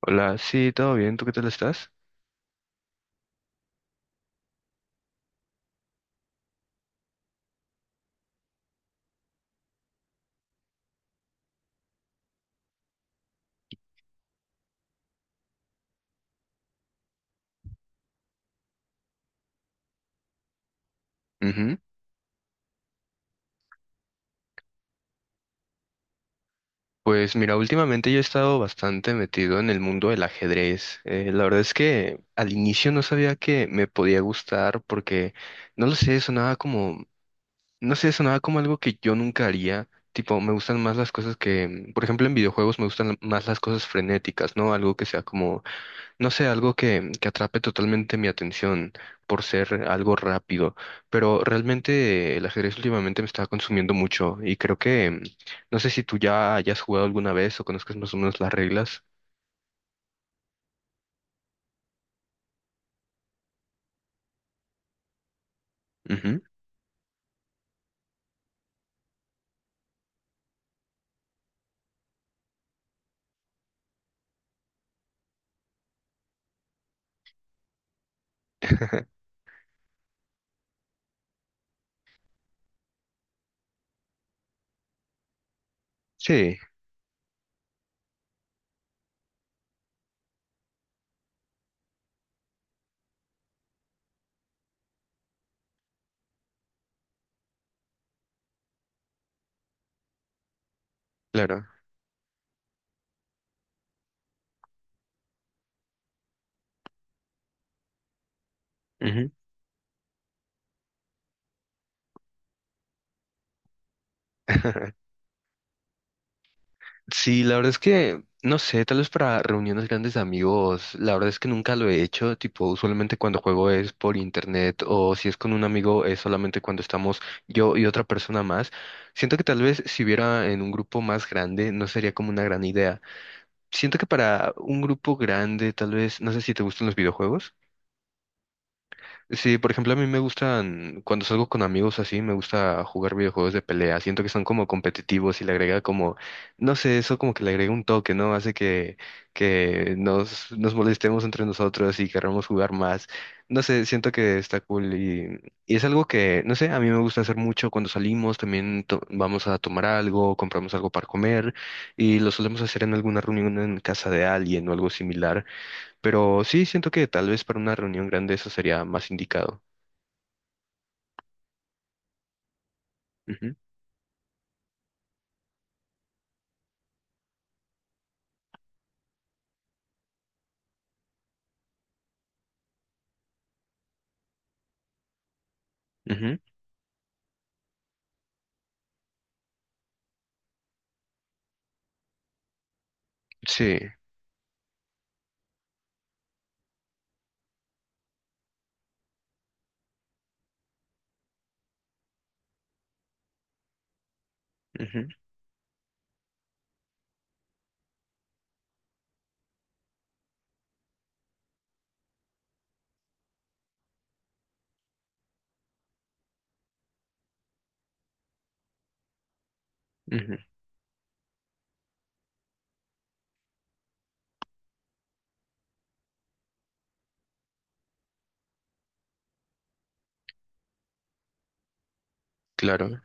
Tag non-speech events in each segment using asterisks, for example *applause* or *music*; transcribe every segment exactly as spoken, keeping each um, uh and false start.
Hola, sí, todo bien, ¿tú qué tal estás? Ujú. Pues mira, últimamente yo he estado bastante metido en el mundo del ajedrez. Eh, la verdad es que al inicio no sabía que me podía gustar porque, no lo sé, sonaba como, no sé, sonaba como algo que yo nunca haría. Tipo, me gustan más las cosas que, por ejemplo, en videojuegos me gustan más las cosas frenéticas, ¿no? Algo que sea como no sé, algo que, que atrape totalmente mi atención por ser algo rápido, pero realmente el ajedrez últimamente me está consumiendo mucho y creo que, mm, no sé si tú ya hayas jugado alguna vez o conozcas más o menos las reglas. Ujú. *laughs* Sí, claro. Ujú. *laughs* Sí, la verdad es que, no sé, tal vez para reuniones grandes de amigos, la verdad es que nunca lo he hecho, tipo, usualmente cuando juego es por internet o si es con un amigo es solamente cuando estamos yo y otra persona más. Siento que tal vez si hubiera en un grupo más grande no sería como una gran idea. Siento que para un grupo grande, tal vez, no sé si te gustan los videojuegos. Sí, por ejemplo, a mí me gustan, cuando salgo con amigos así, me gusta jugar videojuegos de pelea. Siento que son como competitivos y le agrega como, no sé, eso como que le agrega un toque, ¿no? Hace que, que nos, nos molestemos entre nosotros y queramos jugar más. No sé, siento que está cool y, y es algo que, no sé, a mí me gusta hacer mucho cuando salimos. También to- vamos a tomar algo, compramos algo para comer y lo solemos hacer en alguna reunión en casa de alguien o algo similar. Pero sí, siento que tal vez para una reunión grande eso sería más indicado. Ujú, ujú. Sí, ujú, ujú, claro.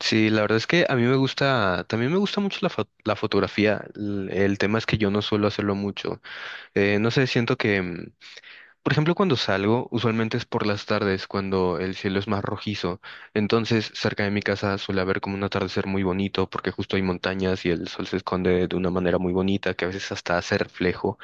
Sí, la verdad es que a mí me gusta, también me gusta mucho la, fo- la fotografía. L- El tema es que yo no suelo hacerlo mucho. Eh, no sé, siento que, mm, por ejemplo, cuando salgo, usualmente es por las tardes, cuando el cielo es más rojizo. Entonces, cerca de mi casa suele haber como un atardecer muy bonito, porque justo hay montañas y el sol se esconde de una manera muy bonita, que a veces hasta hace reflejo.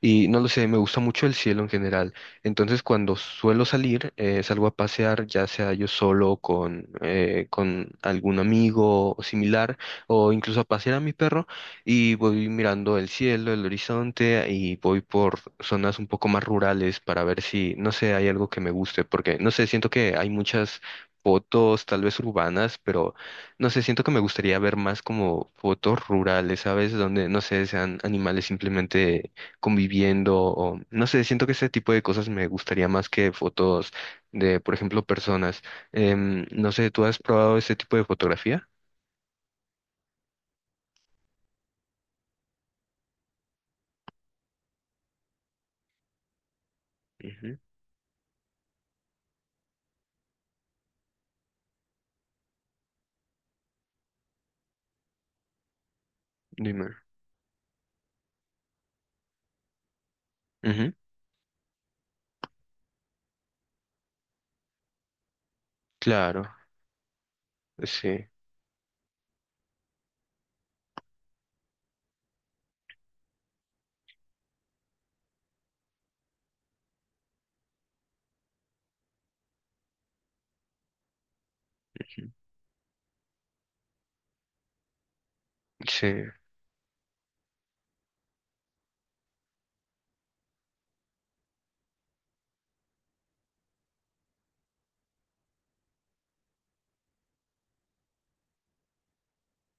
Y no lo sé, me gusta mucho el cielo en general. Entonces, cuando suelo salir, eh, salgo a pasear, ya sea yo solo, con, eh, con algún amigo o similar, o incluso a pasear a mi perro, y voy mirando el cielo, el horizonte, y voy por zonas un poco más rurales para ver si, no sé, hay algo que me guste, porque, no sé, siento que hay muchas fotos tal vez urbanas, pero no sé, siento que me gustaría ver más como fotos rurales, ¿sabes? Donde, no sé, sean animales simplemente conviviendo o no sé, siento que ese tipo de cosas me gustaría más que fotos de, por ejemplo, personas. Em, no sé, ¿tú has probado ese tipo de fotografía? Ujú, dime. Ujú, claro, sí, sí.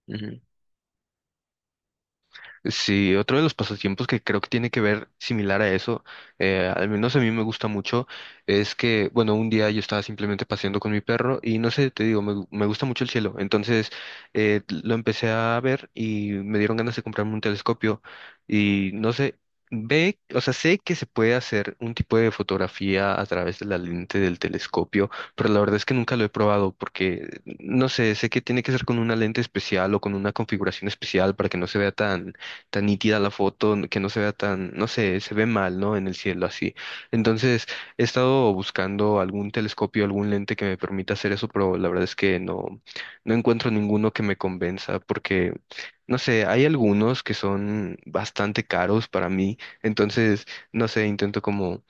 Ujú. Sí, otro de los pasatiempos que creo que tiene que ver similar a eso, eh, al menos a mí me gusta mucho, es que, bueno, un día yo estaba simplemente paseando con mi perro y no sé, te digo, me, gu- me gusta mucho el cielo. Entonces eh, lo empecé a ver y me dieron ganas de comprarme un telescopio y no sé, ve, o sea, sé que se puede hacer un tipo de fotografía a través de la lente del telescopio, pero la verdad es que nunca lo he probado porque, no sé, sé que tiene que ser con una lente especial o con una configuración especial para que no se vea tan tan nítida la foto, que no se vea tan, no sé, se ve mal, ¿no? En el cielo así. Entonces, he estado buscando algún telescopio, algún lente que me permita hacer eso, pero la verdad es que no, no encuentro ninguno que me convenza porque, no sé, hay algunos que son bastante caros para mí. Entonces, no sé, intento como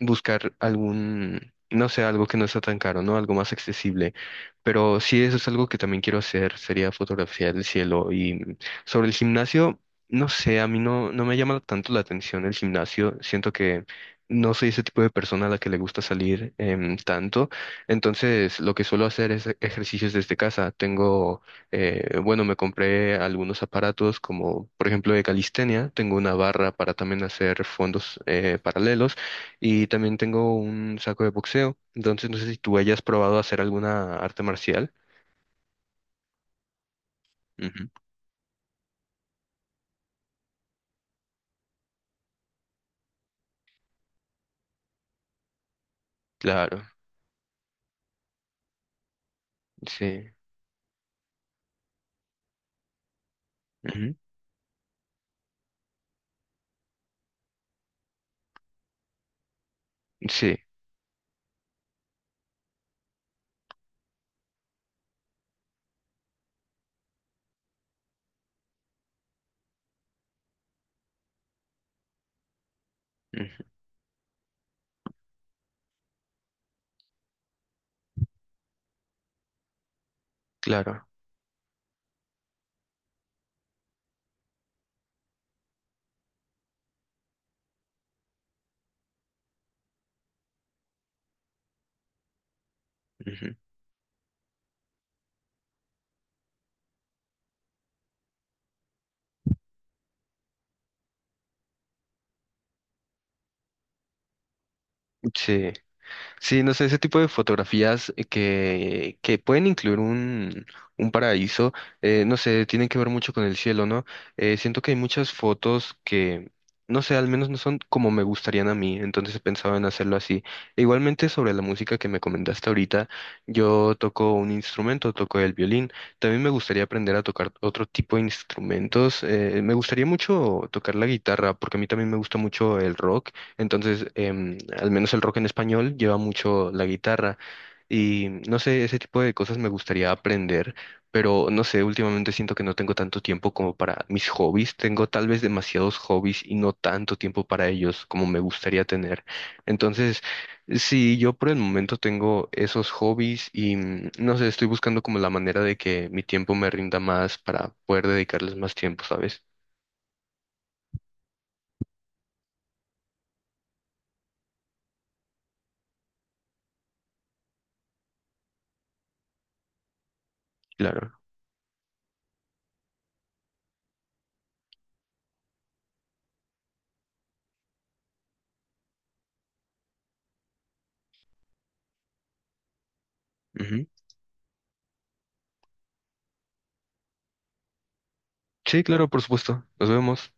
buscar algún, no sé, algo que no sea tan caro, ¿no? Algo más accesible. Pero sí, eso es algo que también quiero hacer, sería fotografiar el cielo. Y sobre el gimnasio, no sé, a mí no, no me llama tanto la atención el gimnasio. Siento que no soy ese tipo de persona a la que le gusta salir em, tanto. Entonces, lo que suelo hacer es e- ejercicios desde casa. Tengo, eh, bueno, me compré algunos aparatos como, por ejemplo, de calistenia. Tengo una barra para también hacer fondos eh, paralelos y también tengo un saco de boxeo. Entonces, no sé si tú hayas probado hacer alguna arte marcial. Ujú, claro, sí. Ujú, sí, ujú, claro. Sí, sí, no sé, ese tipo de fotografías eh, que, que pueden incluir un, un paraíso, eh, no sé, tienen que ver mucho con el cielo, ¿no? Eh, siento que hay muchas fotos que, no sé, al menos no son como me gustarían a mí, entonces he pensado en hacerlo así. E igualmente sobre la música que me comentaste ahorita, yo toco un instrumento, toco el violín, también me gustaría aprender a tocar otro tipo de instrumentos, eh, me gustaría mucho tocar la guitarra, porque a mí también me gusta mucho el rock. Entonces, em, al menos el rock en español lleva mucho la guitarra y no sé, ese tipo de cosas me gustaría aprender, pero no sé, últimamente siento que no tengo tanto tiempo como para mis hobbies, tengo tal vez demasiados hobbies y no tanto tiempo para ellos como me gustaría tener. Entonces, sí, yo por el momento tengo esos hobbies y mm, no sé, estoy buscando como la manera de que mi tiempo me rinda más para poder dedicarles más tiempo, ¿sabes? Claro. Ujú. Sí, claro, por supuesto. Nos vemos.